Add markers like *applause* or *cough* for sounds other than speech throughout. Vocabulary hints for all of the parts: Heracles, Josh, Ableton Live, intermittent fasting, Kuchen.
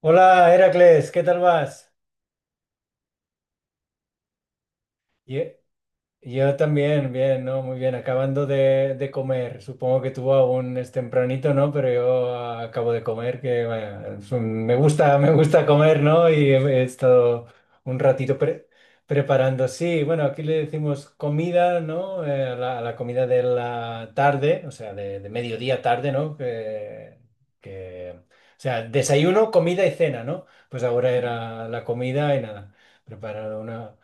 Hola, Heracles, ¿qué tal vas? Ye- Yo también, bien, ¿no? Muy bien, acabando de comer. Supongo que tú aún es tempranito, ¿no? Pero yo acabo de comer, que vaya, me gusta comer, ¿no? Y he estado un ratito preparando. Sí, bueno, aquí le decimos comida, ¿no? A a la comida de la tarde, o sea, de mediodía tarde, ¿no? O sea, desayuno, comida y cena, ¿no? Pues ahora era la comida y nada, preparado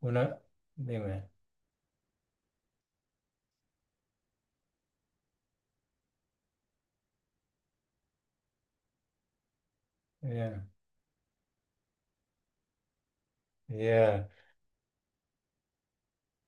una, dime. Ya, ya.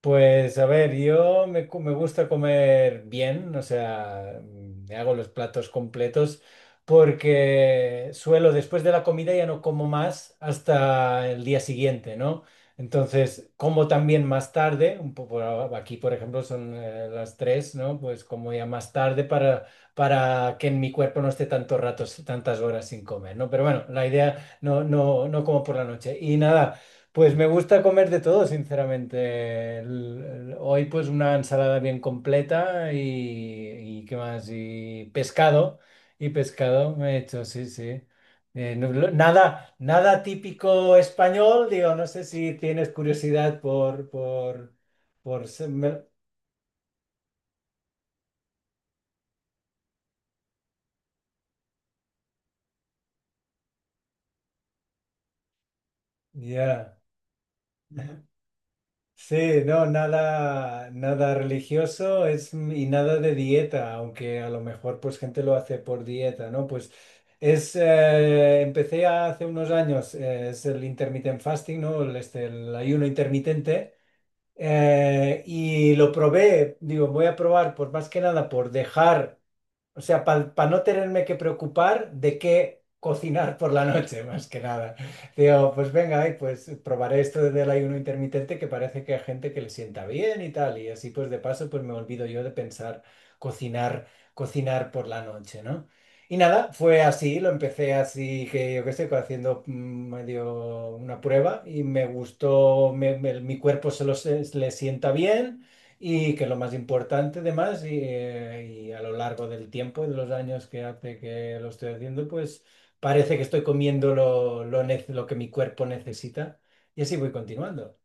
Pues a ver, me gusta comer bien, o sea, me hago los platos completos porque suelo después de la comida ya no como más hasta el día siguiente, ¿no? Entonces, como también más tarde, un poco aquí por ejemplo son las tres, ¿no? Pues como ya más tarde para que en mi cuerpo no esté tantos ratos, tantas horas sin comer, ¿no? Pero bueno, la idea no como por la noche. Y nada. Pues me gusta comer de todo, sinceramente. Hoy pues una ensalada bien completa y ¿qué más? Y pescado me he hecho, sí, sí. Nada, nada típico español, digo, no sé si tienes curiosidad por... Ya. Sí, no, nada, nada religioso es, y nada de dieta, aunque a lo mejor pues gente lo hace por dieta, ¿no? Pues empecé hace unos años, es el intermittent fasting, ¿no? El ayuno intermitente, y lo probé, digo, voy a probar, pues más que nada por dejar. O sea, para no tenerme que preocupar de qué cocinar por la noche, *laughs* más que nada. Digo, pues venga, ay, pues probaré esto del ayuno intermitente que parece que hay gente que le sienta bien y tal. Y así pues de paso pues me olvido yo de pensar cocinar, cocinar por la noche, ¿no? Y nada, fue así, lo empecé así que yo qué sé, haciendo medio una prueba y me gustó, mi cuerpo le sienta bien. Y que lo más importante, además, y a lo largo del tiempo, de los años que hace que lo estoy haciendo, pues parece que estoy comiendo lo que mi cuerpo necesita y así voy continuando.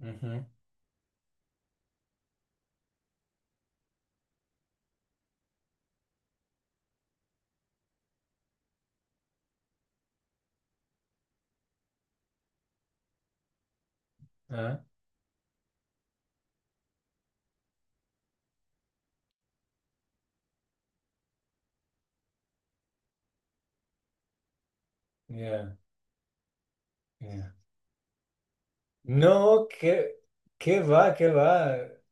Ujú. Ah, yeah, yeah. No, que, qué va, qué va.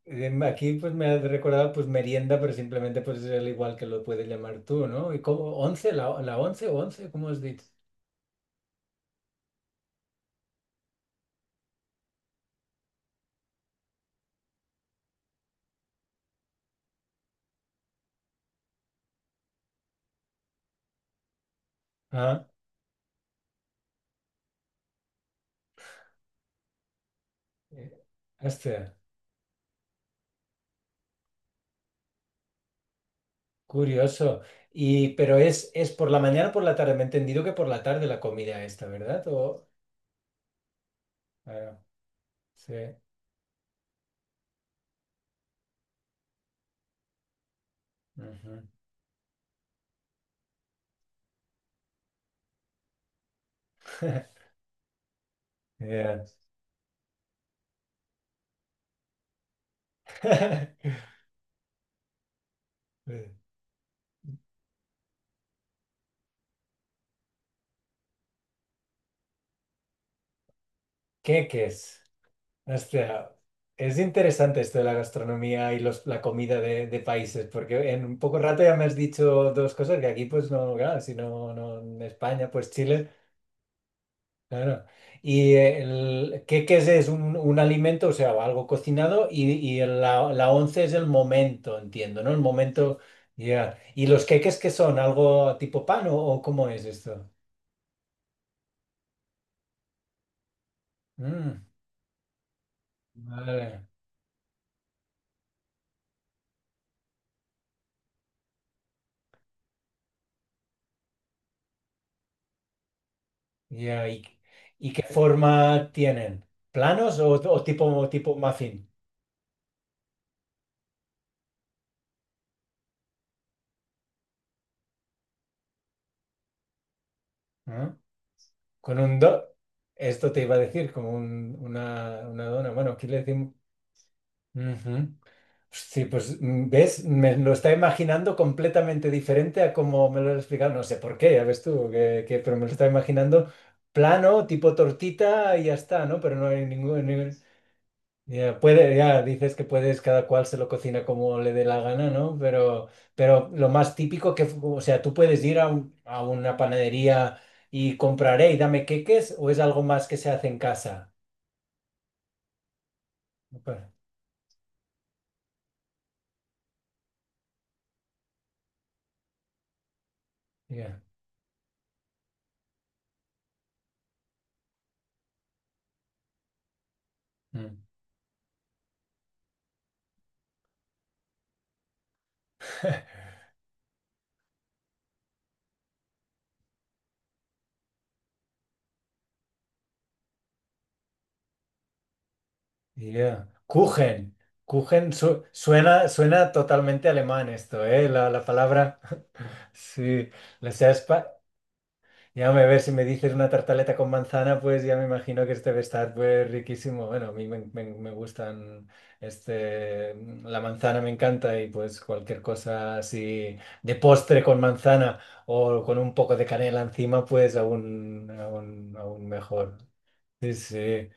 Aquí pues me has recordado pues merienda, pero simplemente pues es el igual que lo puedes llamar tú, ¿no? ¿Y cómo? ¿Once? La once o once? ¿Cómo has dicho? Ah, eh, hostia. Curioso. Y, pero es por la mañana o por la tarde. Me he entendido que por la tarde la comida esta, ¿verdad? O, claro, sí. Ujú. *laughs* Ya. *laughs* Qué es? Hostia, es interesante esto de la gastronomía y los, la comida de países, porque en un poco rato ya me has dicho dos cosas que aquí, pues no, claro, si no, no en España, pues Chile. Claro. ¿Y el, qué, qué es? ¿Es un alimento, o sea, algo cocinado? Y, la, la once es el momento, entiendo, ¿no? El momento, ya. ¿Y los queques qué son? ¿Algo tipo pan o cómo es esto? Mm, vale, ya. Y qué forma tienen? ¿Planos o tipo, tipo muffin? ¿Ah? Con un do... Esto te iba a decir, como una dona. Bueno, aquí le decimos... Ujú. Sí, pues ves, me lo está imaginando completamente diferente a como me lo has explicado. No sé por qué, ya ves tú, pero me lo está imaginando plano, tipo tortita y ya está, ¿no? Pero no hay ningún... ningún- Ya, puede, ya dices que puedes, cada cual se lo cocina como le dé la gana, ¿no? Pero lo más típico que, o sea, tú puedes ir a una panadería y compraré y dame queques o es algo más que se hace en casa. Opa, ya. Mm. *laughs* Yeah. Kuchen. Kuchen suena, suena totalmente alemán esto, ¿eh? La palabra, sí. La sespa. Ya me ver si me dices una tartaleta con manzana, pues ya me imagino que este debe estar pues riquísimo. Bueno, a mí me gustan, este, la manzana me encanta y pues cualquier cosa así de postre con manzana o con un poco de canela encima, pues aún mejor. Sí, sí.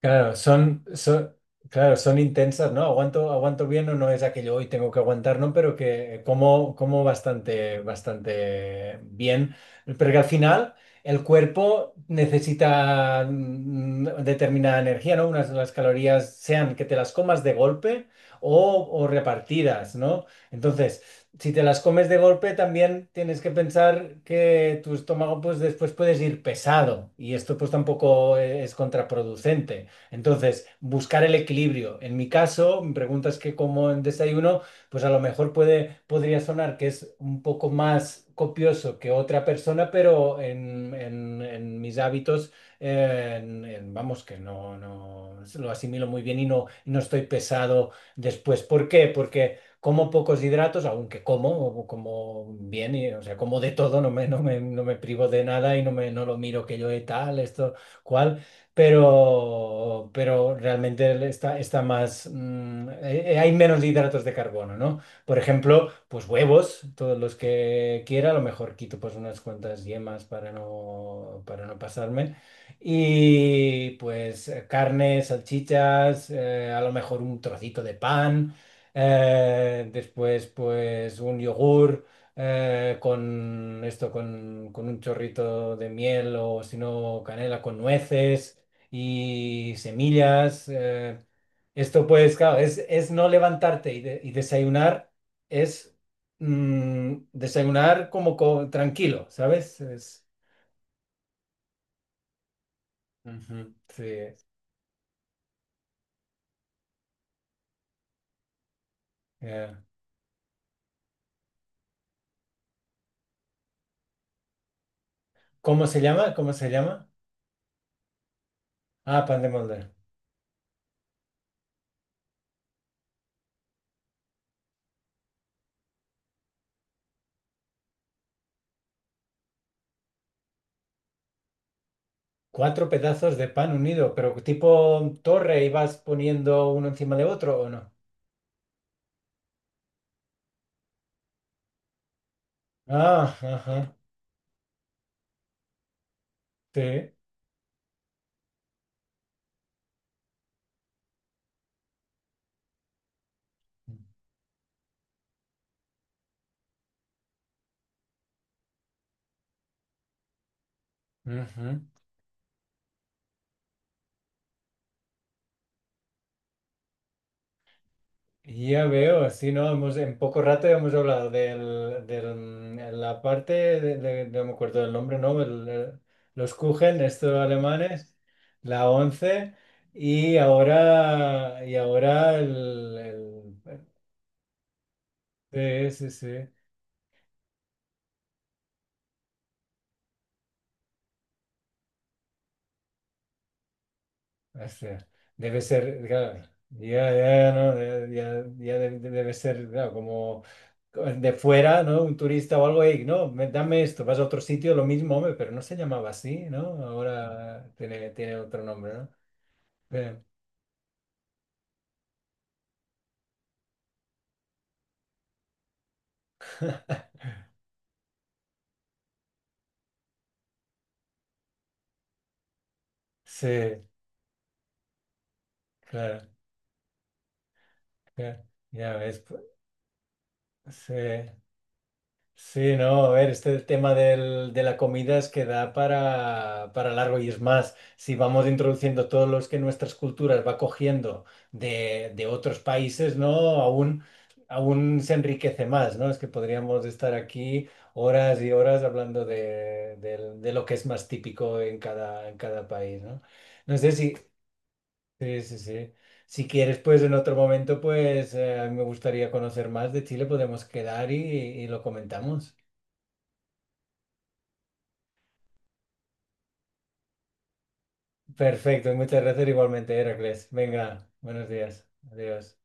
Claro, claro, son intensas, ¿no? Aguanto, aguanto bien o no es aquello hoy tengo que aguantar, ¿no? Pero que como, como bastante, bastante bien. Pero que al final el cuerpo necesita determinada energía, ¿no? Unas las calorías sean que te las comas de golpe o repartidas, ¿no? Entonces, si te las comes de golpe, también tienes que pensar que tu estómago, pues después puedes ir pesado y esto pues tampoco es contraproducente. Entonces, buscar el equilibrio. En mi caso, me preguntas que como en desayuno, pues a lo mejor puede, podría sonar que es un poco más copioso que otra persona, pero en mis hábitos, vamos, que no lo asimilo muy bien y no estoy pesado después. ¿Por qué? Porque como pocos hidratos, aunque como bien, y, o sea, como de todo, no me privo de nada no lo miro que yo he tal, esto, cual pero realmente está más, hay menos hidratos de carbono, ¿no? Por ejemplo, pues huevos, todos los que quiera, a lo mejor quito pues unas cuantas yemas para para no pasarme. Y pues carne, salchichas, a lo mejor un trocito de pan, después pues un yogur con esto, con un chorrito de miel o si no canela con nueces y semillas. Esto pues, claro, es no levantarte y desayunar es desayunar como tranquilo, ¿sabes? Es, ujú, sí, eh. ¿Cómo se llama? ¿Cómo se llama? Ah, pan de molde. Cuatro pedazos de pan unido, pero tipo torre y vas poniendo uno encima de otro, ¿o no? Ah, ajá, sí. Ujú. Ya veo, sí, no, hemos, en poco rato ya hemos hablado la parte no me acuerdo del nombre, ¿no? El, los Kuchen, estos alemanes, la 11 y ahora el, sí, sí, sí. Hostia, debe ser, claro, ya, ya, ¿no? Debe ser, claro, como de fuera, ¿no? Un turista o algo, "Ey, no, dame esto, vas a otro sitio, lo mismo, hombre, pero no se llamaba así, ¿no? Ahora tiene, tiene otro nombre, ¿no? Bien. *laughs* Sí, claro, claro, ya ves, pues, sí. Sí, no, a ver, este tema de la comida es que da para largo y es más, si vamos introduciendo todos los que nuestras culturas va cogiendo de otros países, ¿no? Aún, aún se enriquece más, ¿no? Es que podríamos estar aquí horas y horas hablando de lo que es más típico en cada país, ¿no? No sé si... Sí, sí, sí. Si quieres, pues en otro momento, pues me gustaría conocer más de Chile, podemos quedar y lo comentamos. Perfecto, muchas gracias igualmente, Heracles. Venga, buenos días. Adiós.